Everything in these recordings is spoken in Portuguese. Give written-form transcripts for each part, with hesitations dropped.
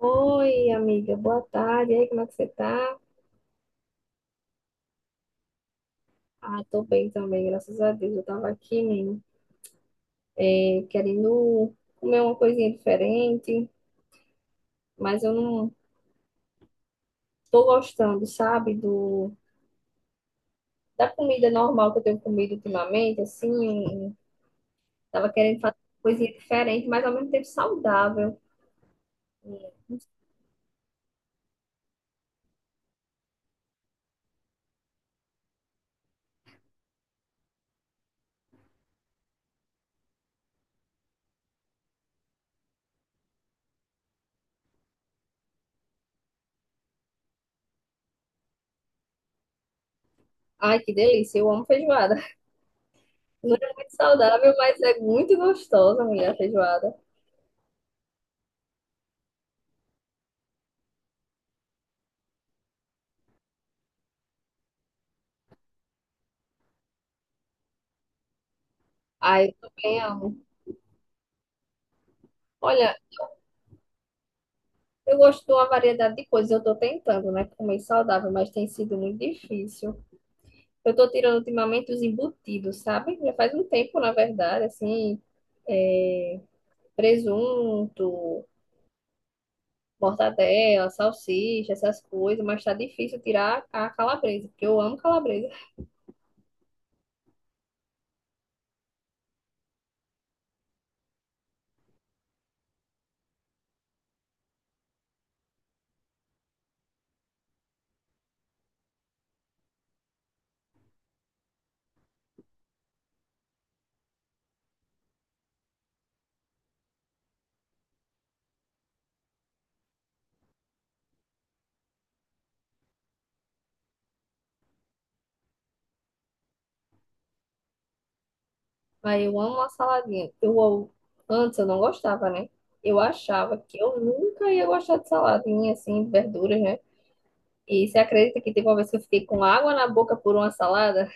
Oi, amiga, boa tarde. E aí, como é que você tá? Ah, tô bem também, graças a Deus. Eu tava aqui, menino, querendo comer uma coisinha diferente, mas eu não tô gostando, sabe, da comida normal que eu tenho comido ultimamente, assim. Tava querendo fazer uma coisinha diferente, mas ao mesmo tempo saudável. Ai, que delícia, eu amo feijoada. Não é muito saudável, mas é muito gostosa, mulher, a feijoada. Ai, eu também amo. Olha, eu gosto de uma variedade de coisas. Eu estou tentando, né, comer saudável, mas tem sido muito difícil. Eu estou tirando ultimamente os embutidos, sabe? Já faz um tempo, na verdade, assim, é, presunto, mortadela, salsicha, essas coisas, mas tá difícil tirar a calabresa, porque eu amo calabresa. Mas eu amo uma saladinha. Antes eu não gostava, né? Eu achava que eu nunca ia gostar de saladinha, assim, de verduras, né? E você acredita que teve uma vez que eu fiquei com água na boca por uma salada?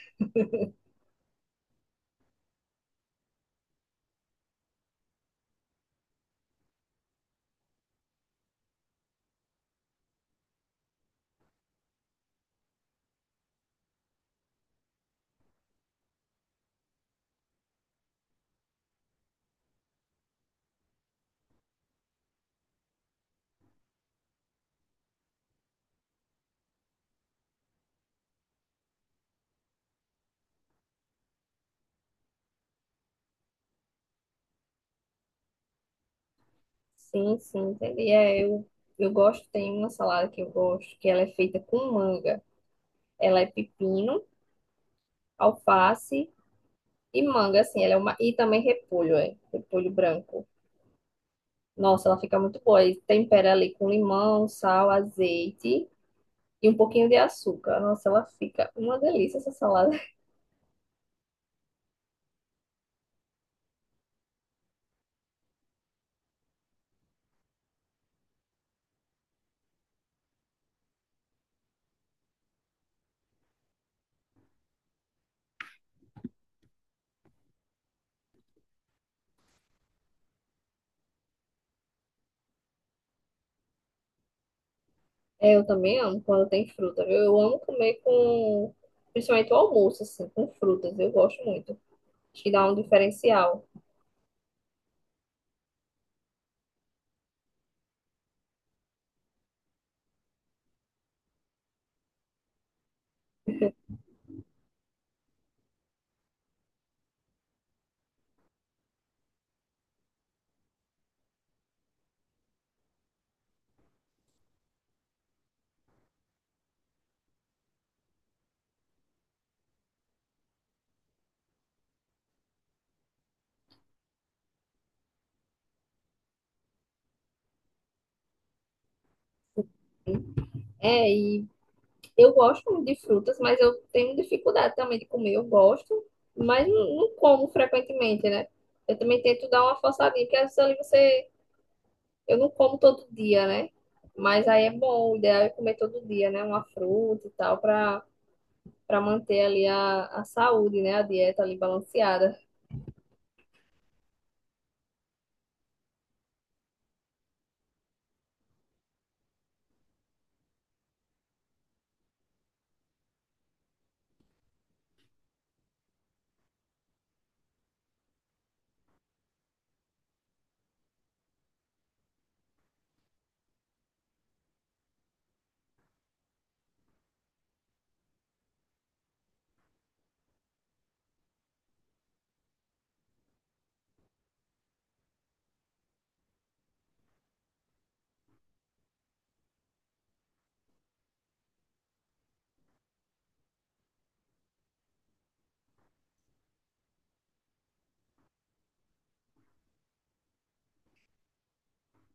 Sim, sim, entendi. É, eu gosto, tem uma salada que eu gosto, que ela é feita com manga. Ela é pepino, alface e manga, assim, ela é uma, e também repolho, é, repolho branco. Nossa, ela fica muito boa. E tempera ali com limão, sal, azeite e um pouquinho de açúcar. Nossa, ela fica uma delícia essa salada. É, eu também amo quando tem fruta, viu? Eu amo comer com, principalmente o almoço, assim, com frutas. Eu gosto muito. Acho que dá um diferencial. É, e Eu gosto muito de frutas, mas eu tenho dificuldade também de comer. Eu gosto, mas não como frequentemente, né? Eu também tento dar uma forçadinha, porque às vezes ali você. Eu não como todo dia, né? Mas aí é bom, o ideal é comer todo dia, né? Uma fruta e tal, pra manter ali a saúde, né? A dieta ali balanceada.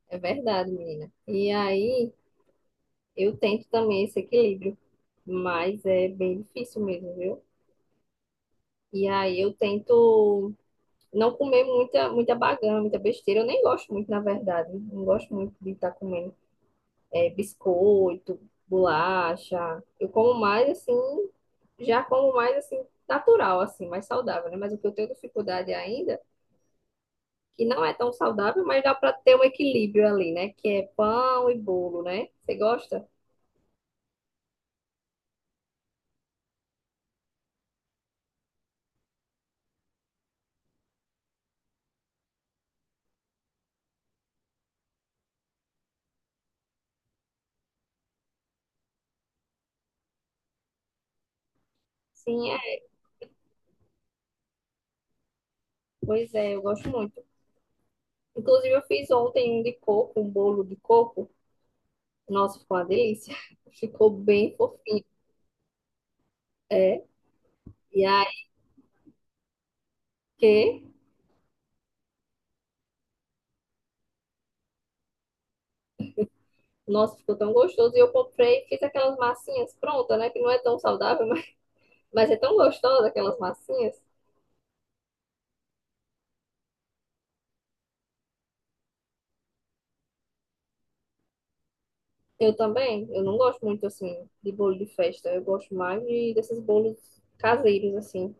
É verdade, menina. E aí eu tento também esse equilíbrio, mas é bem difícil mesmo, viu? E aí eu tento não comer muita bagana, muita besteira. Eu nem gosto muito, na verdade. Não gosto muito de estar comendo é, biscoito, bolacha. Eu como mais assim, já como mais assim, natural, assim, mais saudável, né? Mas o que eu tenho dificuldade ainda, que não é tão saudável, mas dá para ter um equilíbrio ali, né? Que é pão e bolo, né? Você gosta? Sim, é. Pois é, eu gosto muito. Inclusive, eu fiz ontem um de coco, um bolo de coco. Nossa, ficou uma delícia. Ficou bem fofinho. É. E aí que, nossa, ficou tão gostoso. E eu comprei, fiz aquelas massinhas prontas, né? Que não é tão saudável, mas é tão gostosa aquelas massinhas. Eu também, eu não gosto muito assim de bolo de festa. Eu gosto mais de, desses bolos caseiros, assim.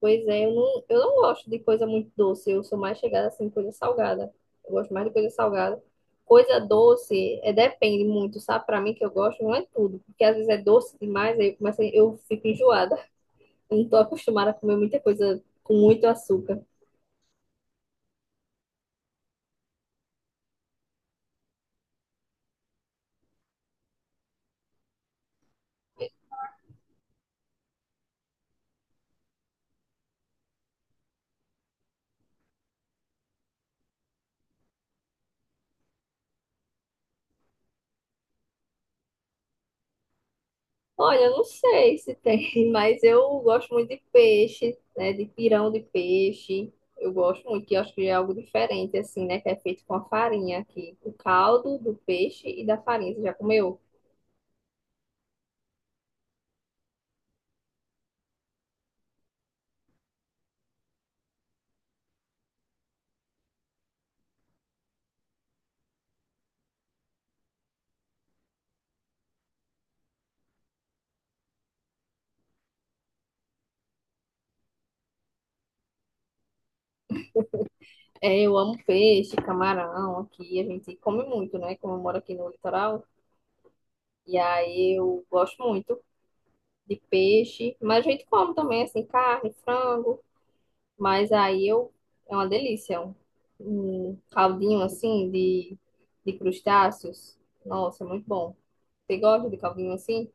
Pois é, eu não gosto de coisa muito doce. Eu sou mais chegada assim, coisa salgada. Eu gosto mais de coisa salgada. Coisa doce, é, depende muito, sabe? Pra mim que eu gosto, não é tudo. Porque às vezes é doce demais, aí eu, começo, a- eu fico enjoada. Eu não tô acostumada a comer muita coisa com muito açúcar. Olha, eu não sei se tem, mas eu gosto muito de peixe, né? De pirão de peixe. Eu gosto muito, que eu acho que é algo diferente, assim, né? Que é feito com a farinha aqui. O caldo do peixe e da farinha. Você já comeu? É, eu amo peixe, camarão aqui. A gente come muito, né? Como eu moro aqui no litoral. E aí eu gosto muito de peixe. Mas a gente come também, assim, carne, frango. Mas aí eu é uma delícia. É um, um caldinho assim de crustáceos. Nossa, é muito bom. Você gosta de caldinho assim?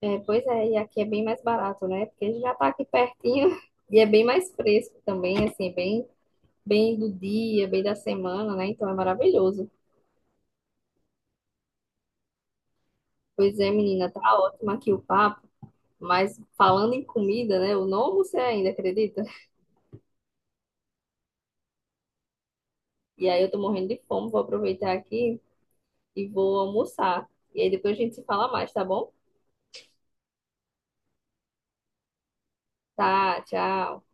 É, pois é, e aqui é bem mais barato, né? Porque já tá aqui pertinho e é bem mais fresco também, assim, é bem, bem do dia, bem da semana, né? Então é maravilhoso. Pois é, menina, tá ótimo aqui o papo, mas falando em comida, né? Eu não almocei ainda, acredita? E aí eu tô morrendo de fome, vou aproveitar aqui e vou almoçar. E aí depois a gente se fala mais, tá bom? Tá, tchau.